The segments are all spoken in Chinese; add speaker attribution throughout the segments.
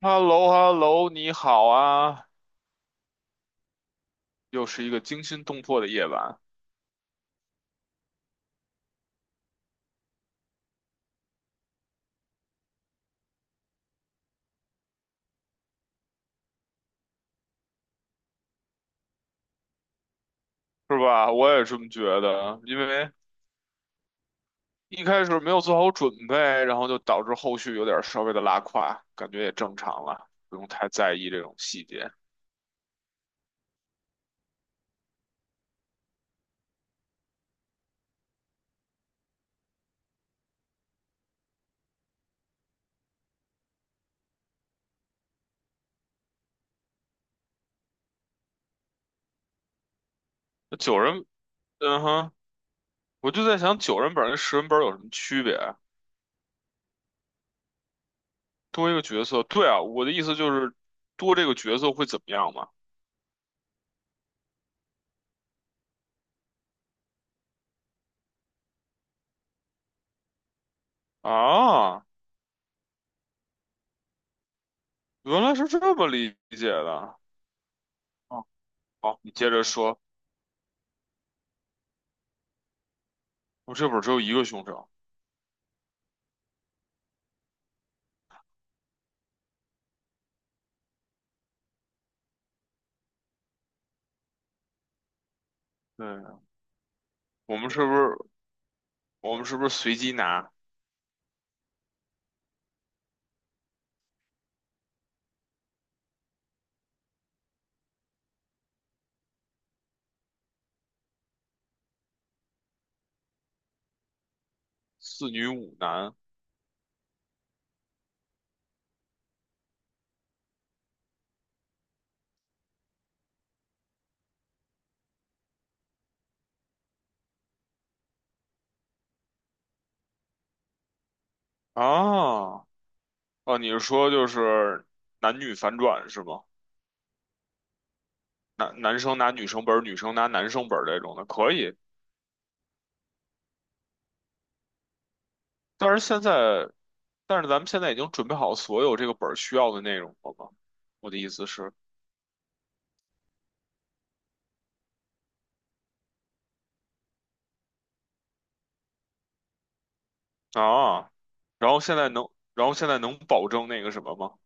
Speaker 1: h e l l o h e l l o 你好啊！又是一个惊心动魄的夜晚，是吧？我也这么觉得，因为一开始没有做好准备，然后就导致后续有点稍微的拉胯，感觉也正常了，不用太在意这种细节。那九人，嗯哼，我就在想九人本跟十人本有什么区别啊？多一个角色，对啊，我的意思就是多这个角色会怎么样嘛？啊，原来是这么理解的。哦，好，你接着说，我这本只有一个凶手。对。我们是不是我们是不是随机拿四女五男啊？哦，你是说就是男女反转是吗？男生拿女生本儿，女生拿男生本儿这种的可以。但是现在，但是咱们现在已经准备好所有这个本儿需要的内容了吗？我的意思是啊，然后现在能，然后现在能保证那个什么吗？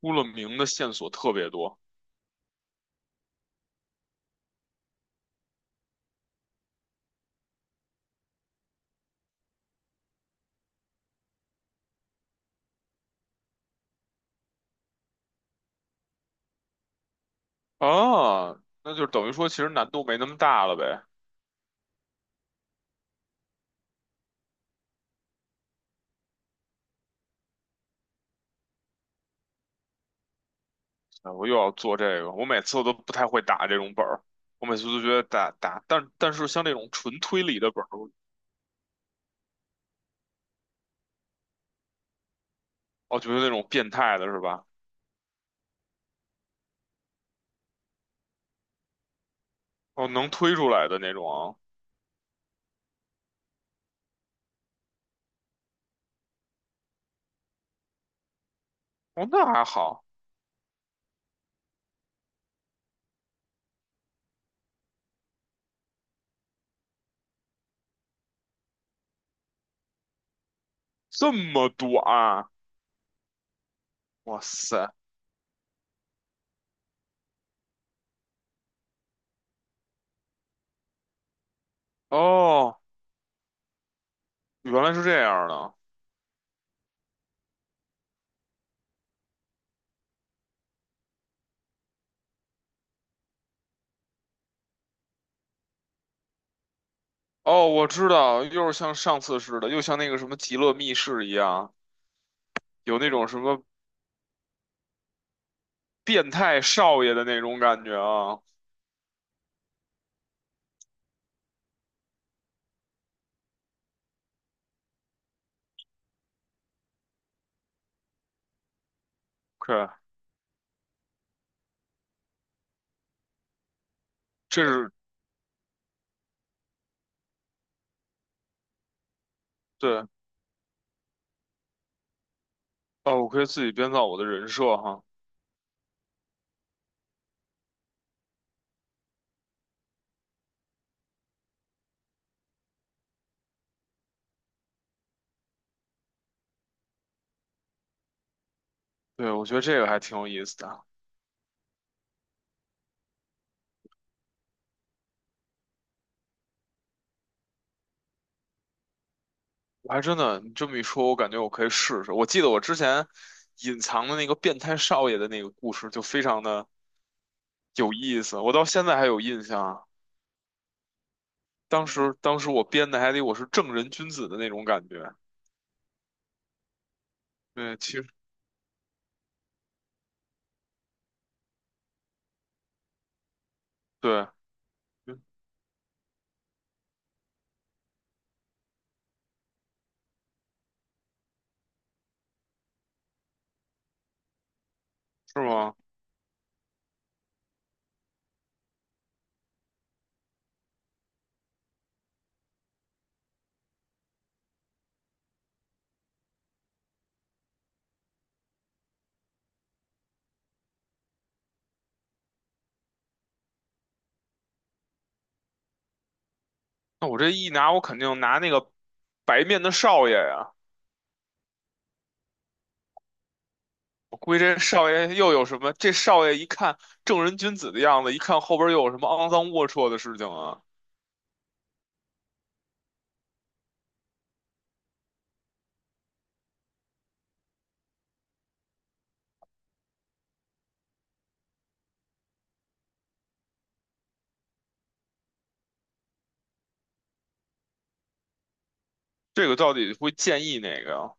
Speaker 1: 出了名的线索特别多啊，那就等于说其实难度没那么大了呗。啊，我又要做这个，我每次我都不太会打这种本儿，我每次都觉得打，但是像那种纯推理的本儿，我觉得那种变态的是吧？哦，能推出来的那种啊。哦，那还好，这么短，哇塞，哦，原来是这样的，哦，我知道，又是像上次似的，又像那个什么极乐密室一样，有那种什么变态少爷的那种感觉啊，OK,这是对，哦，我可以自己编造我的人设哈。对，我觉得这个还挺有意思的啊。我还真的，你这么一说，我感觉我可以试试。我记得我之前隐藏的那个变态少爷的那个故事，就非常的有意思，我到现在还有印象啊。当时我编的还得我是正人君子的那种感觉。对，其实对，嗯。是吗？那我这一拿，我肯定拿那个白面的少爷呀。我估计这少爷又有什么？这少爷一看正人君子的样子，一看后边又有什么肮脏龌龊的事情啊？这个到底会建议哪个呀？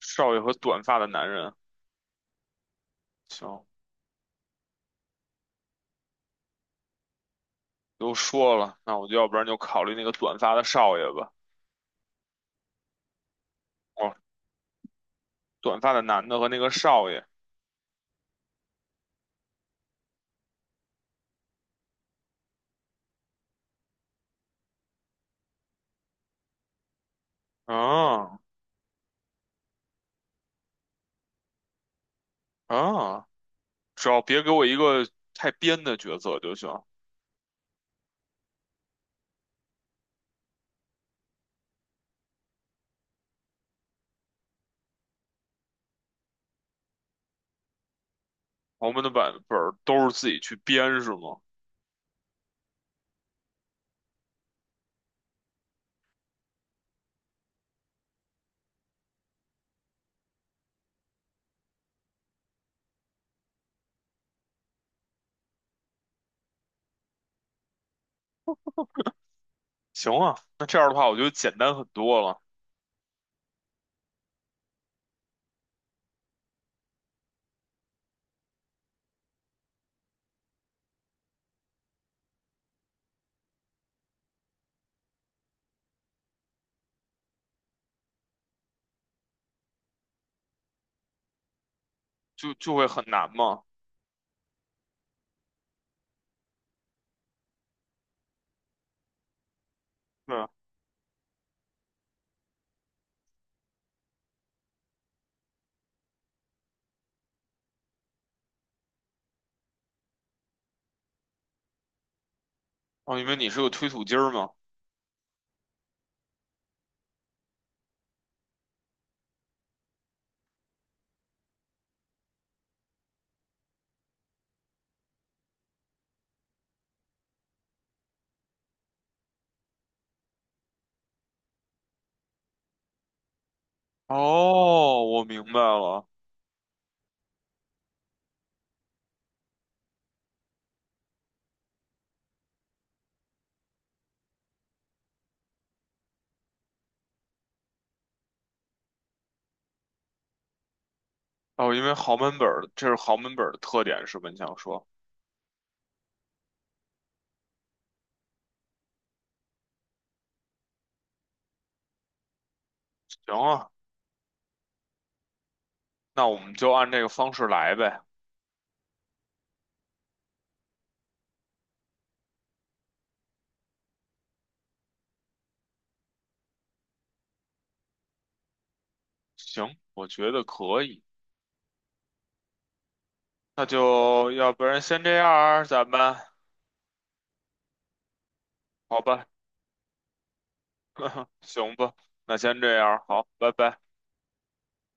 Speaker 1: 少爷和短发的男人，行，都说了，那我就要不然就考虑那个短发的少爷吧。哦，短发的男的和那个少爷，啊啊，只要别给我一个太编的角色就行。豪门的版本儿都是自己去编是吗？行啊，那这样的话我觉得简单很多了，就会很难嘛。对，哦，因为你是个推土机儿嘛。哦，我明白了。哦，因为豪门本儿，这是豪门本儿的特点是吧？你想说，行啊。那我们就按这个方式来呗。行，我觉得可以。那就要不然先这样儿，咱们好吧，行吧，那先这样儿，好，拜拜。